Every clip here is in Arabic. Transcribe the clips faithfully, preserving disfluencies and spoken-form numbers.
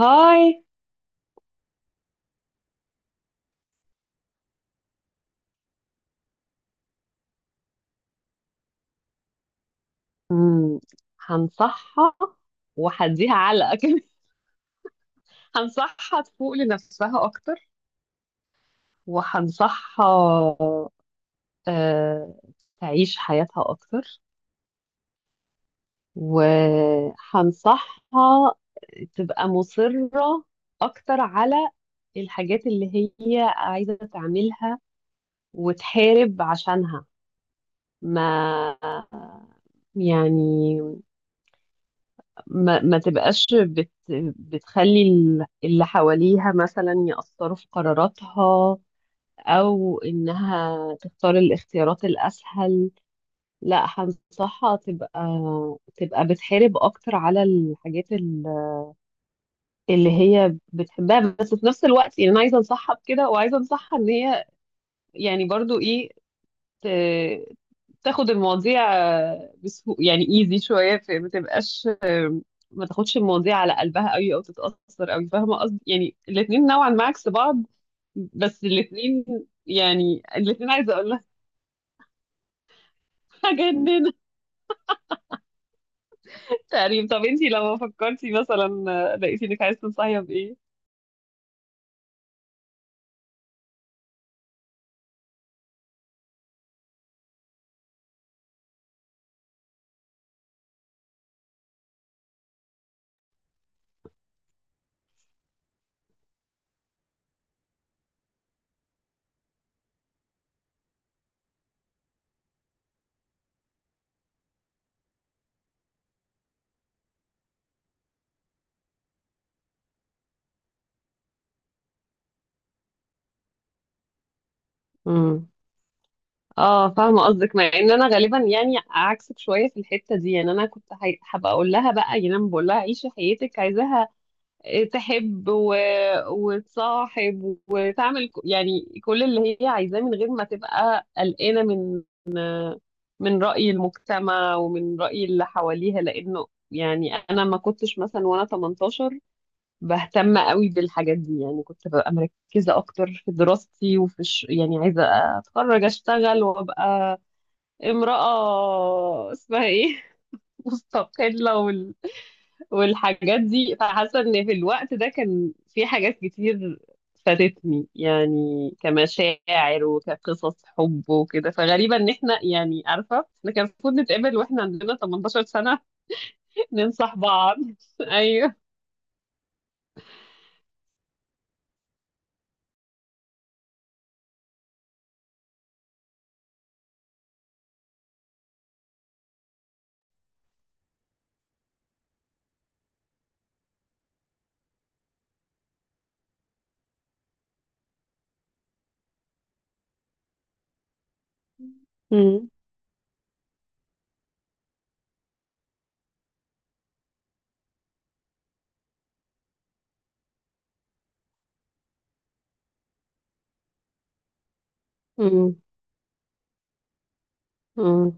هاي. مم. هنصحها وهديها علقة كمان. هنصحها تفوق لنفسها أكتر، وهنصحها آه، تعيش حياتها أكتر، وهنصحها تبقى مصرة أكتر على الحاجات اللي هي عايزة تعملها وتحارب عشانها. ما يعني، ما, ما تبقاش بت بتخلي ال- اللي حواليها مثلا يأثروا في قراراتها، أو إنها تختار الاختيارات الأسهل. لا، هنصحها تبقى تبقى بتحارب أكتر على الحاجات ال- اللي هي بتحبها. بس في نفس الوقت يعني أنا عايزة أنصحها بكده وعايزة أنصحها إن هي، يعني برضو إيه، ت- تاخد المواضيع بسهو، يعني ايزي شوية، في- ما تبقاش ما تاخدش المواضيع على قلبها قوي او تتأثر قوي. فاهمة قصدي؟ يعني الاتنين نوعا ما عكس بعض. بس الاتنين، يعني الاتنين عايزة اقول لك حاجة اننا تقريبا. طب انتي لما فكرتي مثلا، آه، لقيتي انك عايزة تنصحيها بايه؟ امم اه، فاهمة قصدك، مع ان انا غالبا يعني عكسك شوية في الحتة دي. يعني انا كنت حي- حابة اقول لها بقى، يعني انا بقول لها عيشي حياتك عايزاها، آه، تحب و... وتصاحب وتعمل ك- يعني كل اللي هي عايزاه، من غير ما تبقى قلقانة من من رأي المجتمع ومن رأي اللي حواليها. لأنه يعني أنا ما كنتش مثلا وأنا تمنتاشر بهتم قوي بالحاجات دي، يعني كنت ببقى مركزة أكتر في دراستي وفي ش... يعني عايزة أتخرج أشتغل وأبقى امرأة اسمها إيه مستقلة والحاجات دي. فحاسه ان في الوقت ده كان في حاجات كتير فاتتني، يعني كمشاعر وكقصص حب وكده. فغريبه ان احنا، يعني عارفه، احنا كان المفروض نتقابل واحنا عندنا ثمانية عشر سنه. ننصح بعض. ايوه. امم امم امم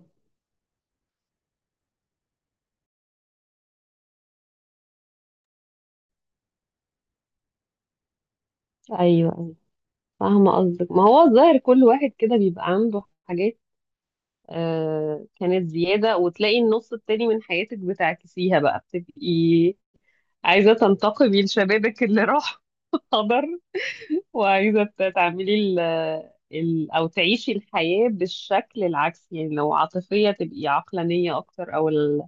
ايوه. فاهمه قصدك. ما هو الظاهر كل واحد كده بيبقى عنده حاجات آه كانت زياده، وتلاقي النص التاني من حياتك بتعكسيها بقى، بتبقي عايزه تنتقمي لشبابك اللي راح خبر، وعايزة ت- تعملي ال ال أو تعيشي الحياة بالشكل العكس. يعني لو عاطفية تبقي عقلانية أكتر، أو ال-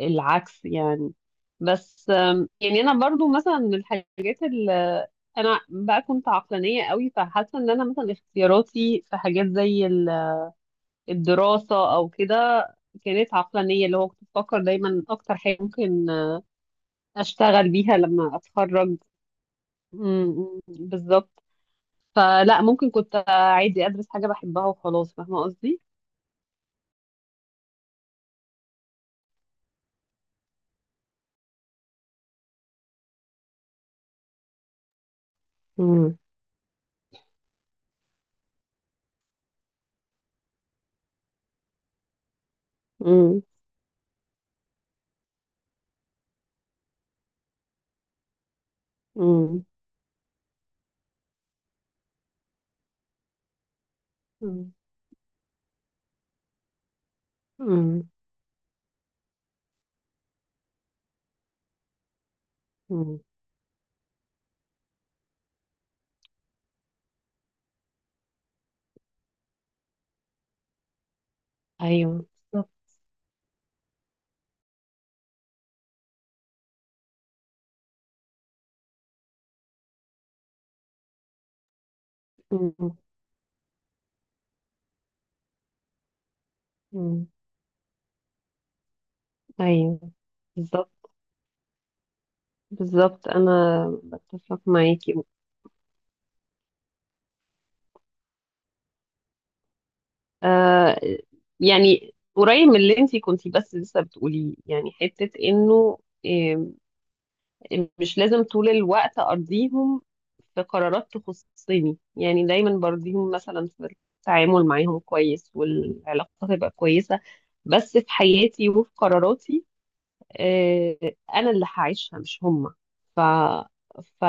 العكس يعني. بس أم، يعني أنا برضو مثلا من الحاجات اللي أنا بقى كنت عقلانية قوي، فحاسة إن أنا مثلا اختياراتي في حاجات زي ال- الدراسة أو كده كانت عقلانية، اللي هو كنت بفكر دايما أكتر حاجة ممكن أشتغل بيها لما أتخرج. م- م- بالظبط. فلا، ممكن كنت عادي ادرس حاجه بحبها وخلاص. فاهمه قصدي؟ مم. مم. مم. مم. مم. مم. ايوه بالظبط. مم. مم. ايوه بالظبط، بالظبط، انا بتفق معاكي. آه، يعني قريب من اللي انتي كنتي بس لسه بتقوليه، يعني حتة انه آه، مش لازم طول الوقت ارضيهم في قرارات تخصني. يعني دايما برضيهم مثلا في التعامل معاهم كويس والعلاقة تبقى كويسة، بس في حياتي وفي قراراتي، آه، انا اللي هعيشها مش هما. ف ف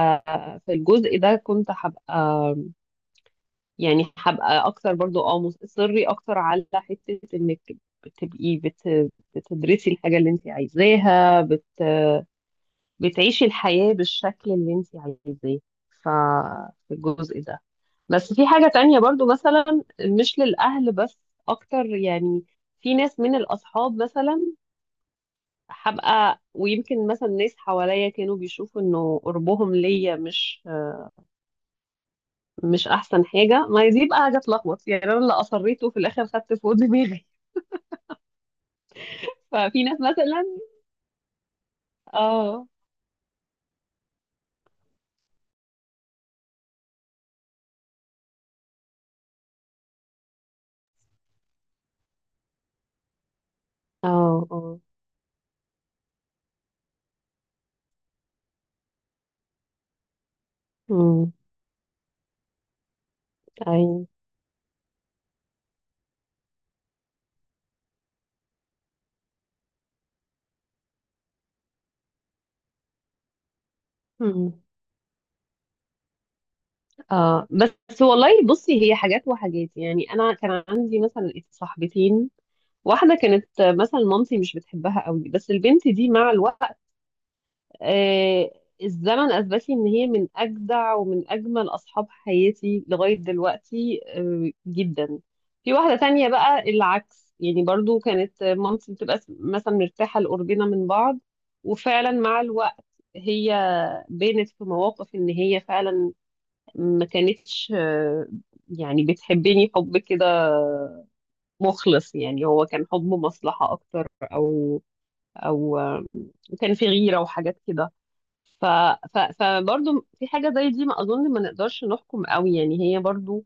في الجزء ده كنت هبقى، يعني هبقى اكتر برضو، اه مصري اكتر على حتة انك تبقي بت... بتدرسي الحاجة اللي انت عايزاها، بت... بتعيشي الحياة بالشكل اللي انت عايزاه. ففي الجزء ده. بس في حاجة تانية برضو، مثلا مش للأهل بس، أكتر يعني. في ناس من الأصحاب مثلا هبقى، ويمكن مثلا ناس حواليا كانوا بيشوفوا إنه قربهم ليا مش مش أحسن حاجة. ما هي دي بقى حاجة تلخبط. يعني أنا اللي أصريته في الآخر خدت فوق دماغي. ففي ناس مثلا اه. اه. اه. امم. ايوه. اه. بس والله بصي، هي حاجات وحاجات. يعني انا كان عندي مثلا صاحبتين: واحده كانت مثلا مامتي مش بتحبها قوي، بس البنت دي مع الوقت آه الزمن اثبت لي ان هي من اجدع ومن اجمل اصحاب حياتي لغايه دلوقتي، آه جدا. في واحده تانية بقى العكس. يعني برضو كانت مامتي بتبقى مثلا مرتاحه لقربنا من بعض، وفعلا مع الوقت هي بانت في مواقف ان هي فعلا ما كانتش آه، يعني بتحبني حب كده مخلص. يعني هو كان حب مصلحة أكتر، أو أو آه، كان في غيرة وحاجات كده. ف ف فبرضه في حاجة زي دي ما أظن ما نقدرش نحكم قوي، يعني هي برضه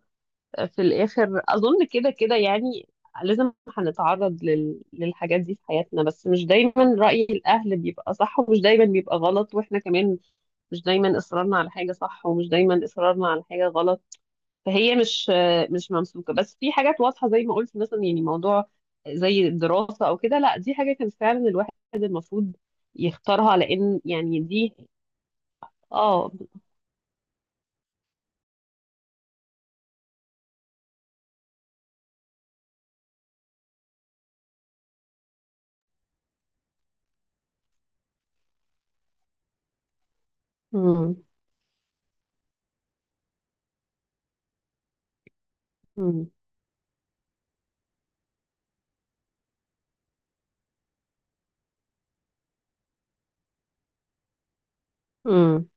في الآخر أظن كده كده يعني. لازم هنتعرض لل... للحاجات دي في حياتنا. بس مش دايما رأي الأهل بيبقى صح ومش دايما بيبقى غلط، وإحنا كمان مش دايما إصرارنا على حاجة صح ومش دايما إصرارنا على حاجة غلط. فهي مش مش ممسوكه. بس في حاجات واضحه زي ما قلت مثلا، يعني موضوع زي الدراسه او كده، لا دي حاجه كان فعلا الواحد المفروض يختارها، لان يعني دي اه. مم. مم. مم.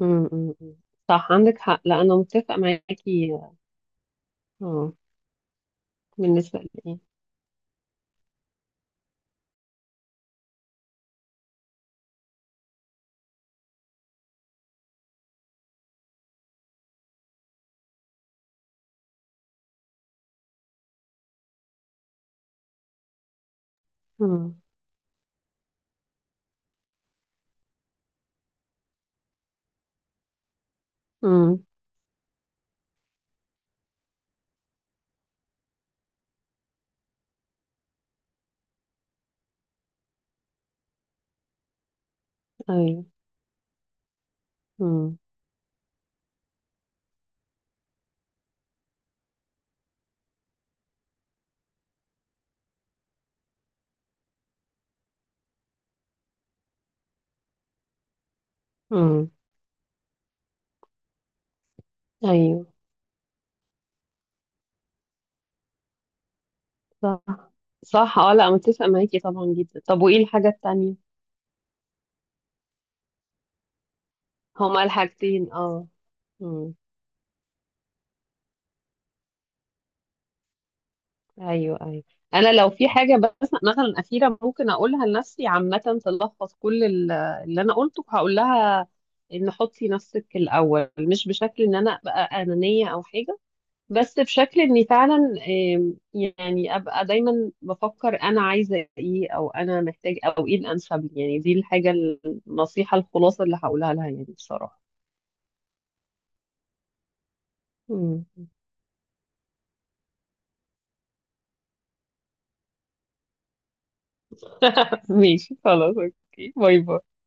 مم. مم. صح، عندك حق. لا، انا متفقه معاكي. مم. بالنسبه لي. مم. مم. ايوه. مم. مم. ايوه. صح. صح. اه، لا متفقه معاكي طبعا جدا. طب وايه الحاجه التانية؟ هما الحاجتين اه. مم. ايوه، ايوه. انا لو في حاجه بس مثلا اخيره ممكن اقولها لنفسي عامه تلخص كل ال- اللي انا قلته، هقول لها ان حطي نفسك الاول، مش بشكل ان انا ابقى انانيه او حاجه، بس بشكل اني فعلا آم، يعني ابقى دايما بفكر انا عايزه ايه او انا محتاج او ايه الانسب لي. يعني دي الحاجه النصيحه الخلاصه اللي هقولها لها يعني بصراحه. مم. ماشي، خلاص، اوكي، باي باي.